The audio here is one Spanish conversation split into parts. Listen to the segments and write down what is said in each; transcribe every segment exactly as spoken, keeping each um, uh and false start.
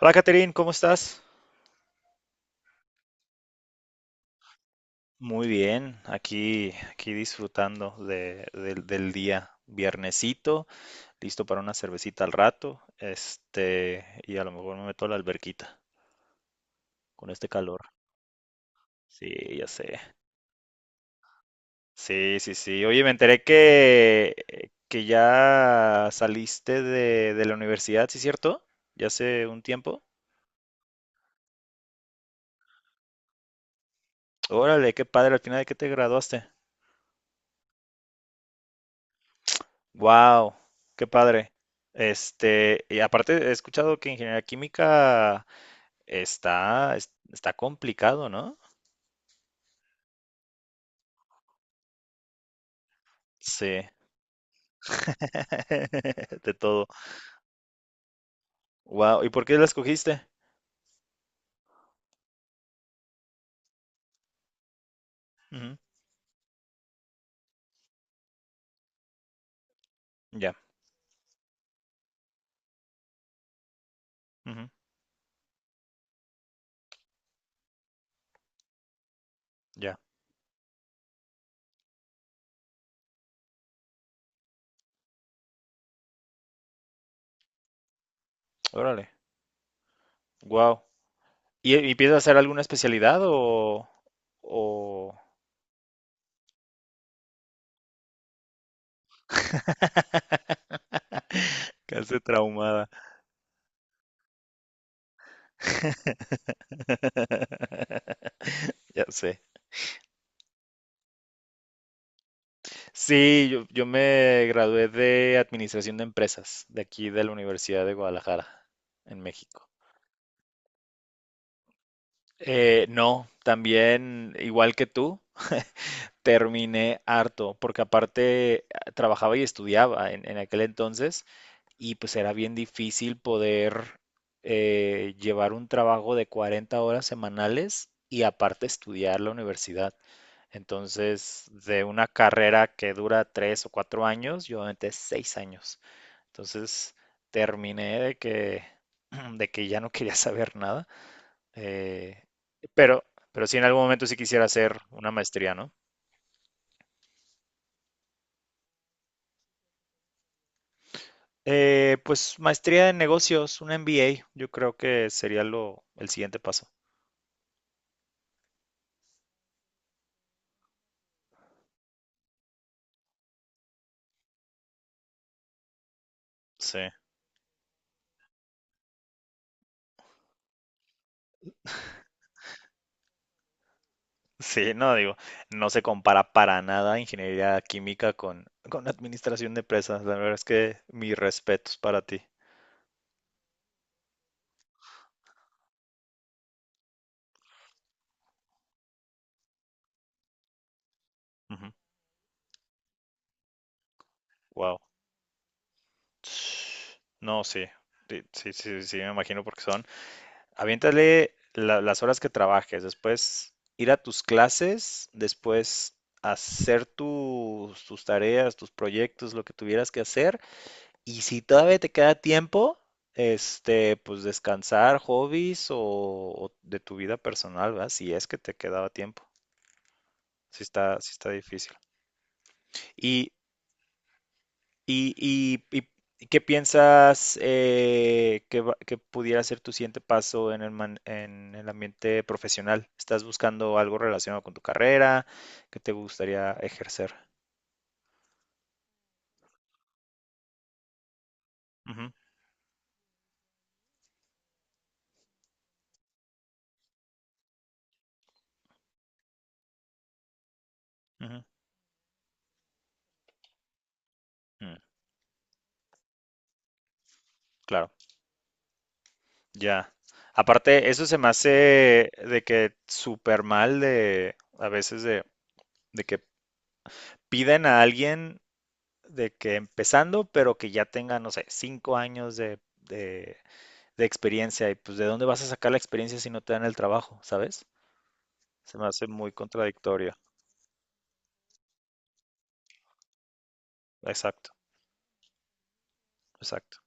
Hola, Catherine, ¿cómo estás? Muy bien, aquí, aquí disfrutando de- del del día. Viernesito, listo para una cervecita al rato, este, y a lo mejor me meto a la alberquita con este calor. Sí, ya sé. Sí, sí, sí. Oye, me enteré que, que ya saliste de, de la universidad, ¿sí es cierto? Ya hace un tiempo. Órale, qué padre, al final de qué te graduaste. Wow, qué padre. Este, y aparte he escuchado que ingeniería química está, es- está complicado, ¿no? Sí, de todo. Wow, ¿y por qué la escogiste? Ujú, ya, ujú, ya, órale, wow. ¿Y, y piensas hacer alguna especialidad o, o... Casi traumada. Ya sé. Sí, yo, yo me gradué de Administración de Empresas, de aquí de la Universidad de Guadalajara, en México. Eh, no, también, igual que tú, terminé harto, porque aparte ah, trabajaba y estudiaba en, en aquel entonces, y pues era bien difícil poder eh, llevar un trabajo de cuarenta horas semanales y aparte estudiar la universidad. Entonces, de una carrera que dura tres o cuatro años, yo aventé seis años. Entonces terminé de que, de que ya no quería saber nada, eh, pero, pero sí en algún momento sí quisiera hacer una maestría, ¿no? Eh, pues maestría en negocios, un M B A, yo creo que sería lo, el siguiente paso. Sí, sí, no digo, no se compara para nada ingeniería química con, con administración de empresas. La verdad es que mis respetos para ti. Ujú, wow. No, sí, sí, sí, sí, sí, me imagino porque son. Aviéntale la- las horas que trabajes, después ir a tus clases, después hacer tus, tus tareas, tus proyectos, lo que tuvieras que hacer. Y si todavía te queda tiempo, este, pues descansar, hobbies o, o de tu vida personal, ¿verdad? Si es que te quedaba tiempo. Si está, sí está difícil. Y ¿Y, y- y- y qué piensas eh, que, va- que pudiera ser tu siguiente paso en el, man- en el ambiente profesional? ¿Estás buscando algo relacionado con tu carrera que te gustaría ejercer? Ujú, ujú. Mm, claro, ya. Aparte, eso se me hace de que súper mal de a veces de, de que piden a alguien de que empezando, pero que ya tenga, no sé, cinco años de, de de experiencia y pues de dónde vas a sacar la experiencia si no te dan el trabajo, ¿sabes? Se me hace muy contradictorio. Exacto, exacto.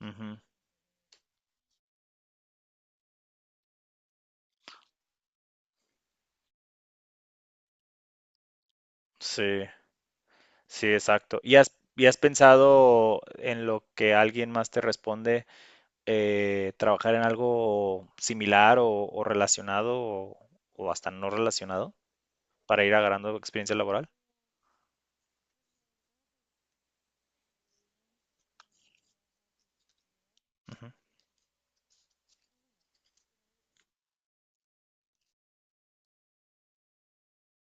Ujú. Sí, sí, exacto. ¿Y has, y has pensado en lo que alguien más te responde, eh, trabajar en algo similar o, o relacionado o, o hasta no relacionado para ir agarrando experiencia laboral? Ujú.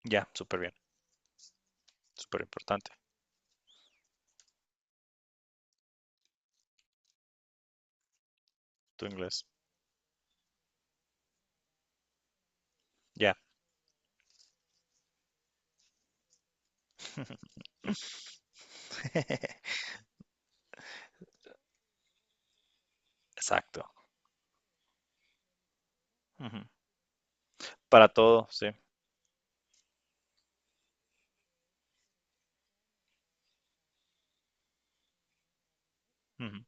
Ya, súper bien, súper importante tu inglés. Ya, exacto. Ujú. Para todo, sí. Ujú.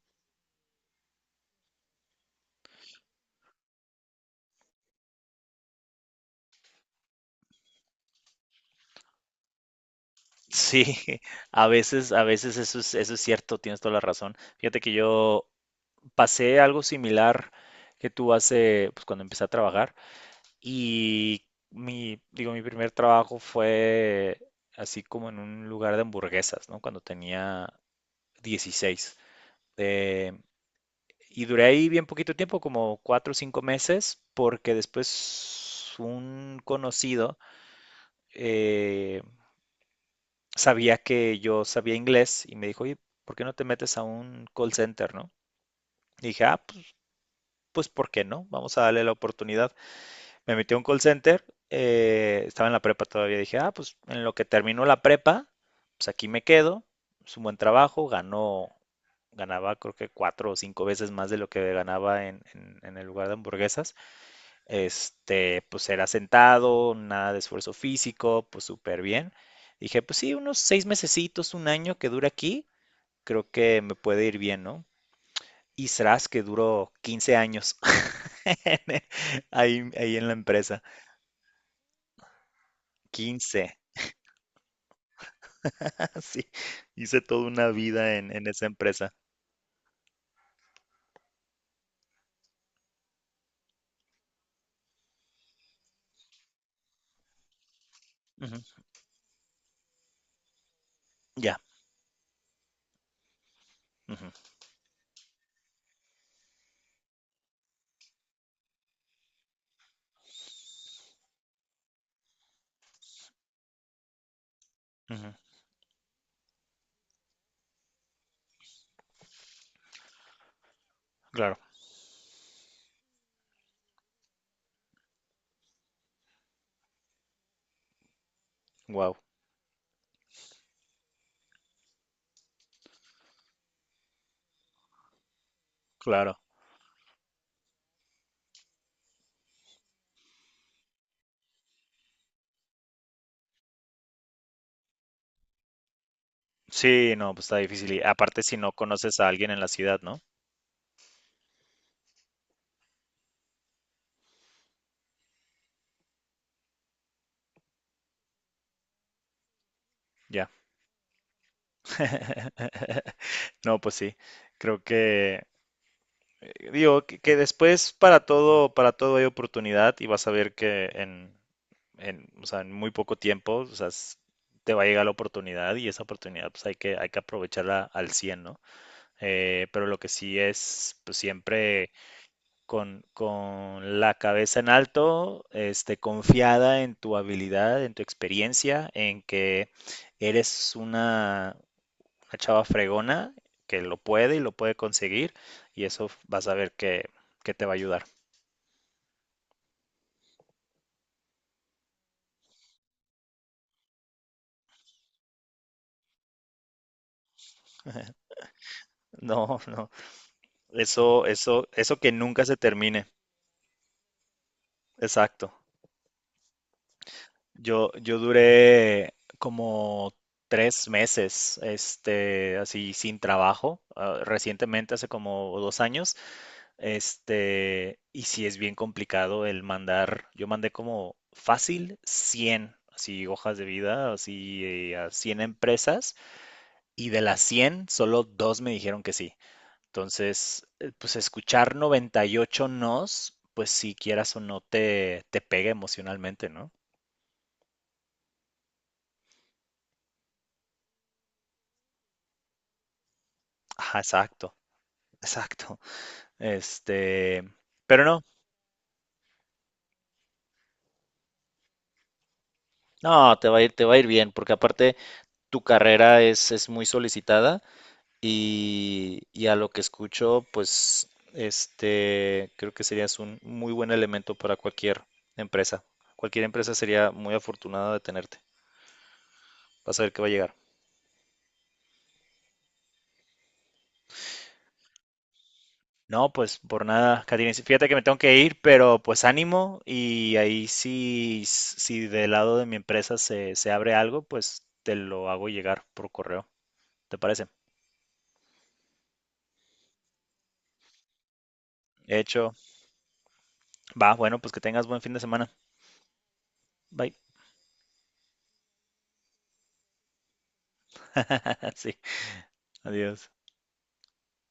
Sí, a veces, a veces eso es, eso es cierto, tienes toda la razón. Fíjate que yo pasé algo similar que tú hace, pues cuando empecé a trabajar y mi, digo, mi primer trabajo fue así como en un lugar de hamburguesas, ¿no? Cuando tenía dieciséis. Eh, y duré ahí bien poquito tiempo, como cuatro o cinco meses, porque después un conocido, eh, sabía que yo sabía inglés y me dijo, oye, ¿por qué no te metes a un call center, no? Y dije, ah, pues, pues, ¿por qué no? Vamos a darle la oportunidad. Me metí a un call center, eh, estaba en la prepa todavía, dije, ah, pues en lo que terminó la prepa, pues aquí me quedo, es un buen trabajo, ganó, ganaba creo que cuatro o cinco veces más de lo que ganaba en, en- en el lugar de hamburguesas. Este, pues era sentado, nada de esfuerzo físico, pues súper bien. Dije, pues sí, unos seis mesecitos, un año que dura aquí creo que me puede ir bien, ¿no? Y S R A S, que duró quince años ahí, ahí en la empresa. quince, sí. Hice toda una vida en, en esa empresa. Ujú, ya, ujú, ujú, claro. Wow. Claro. Sí, no, pues está difícil. Y aparte si no conoces a alguien en la ciudad, ¿no? Ya. No, pues sí. Creo que eh, digo que, que después para todo, para todo hay oportunidad y vas a ver que en, en, o sea, en muy poco tiempo, o sea, s- te va a llegar la oportunidad y esa oportunidad pues hay que, hay que aprovecharla al cien, ¿no? Eh, pero lo que sí es, pues siempre con, con la cabeza en alto, este, confiada en tu habilidad, en tu experiencia, en que eres una, una chava fregona que lo puede y lo puede conseguir y eso f- vas a ver que, que te va a ayudar. No, no, eso, eso, eso que nunca se termine. Exacto. Yo, yo duré como tres meses, este, así sin trabajo, ah, recientemente, hace como dos años, este, y sí es bien complicado el mandar, yo mandé como fácil cien así hojas de vida, así eh, a cien empresas, y de las cien solo dos me dijeron que sí. Entonces, eh, pues escuchar noventa y ocho nos, pues si quieras o no te, te, pega emocionalmente, ¿no? Ajá, exacto. Exacto. Este, pero no, no, te va a ir, te va a ir bien, porque aparte tu carrera es, es muy solicitada y, y a lo que escucho, pues, este, creo que serías un muy buen elemento para cualquier empresa. Cualquier empresa sería muy afortunada de tenerte. Vas a ver que va a llegar. No, pues por nada, Katina. Fíjate que me tengo que ir, pero pues ánimo y ahí sí, si del lado de mi empresa se, se abre algo, pues te lo hago llegar por correo. ¿Te parece? Hecho, va, bueno, pues que tengas buen fin de semana. Bye. sí, adiós.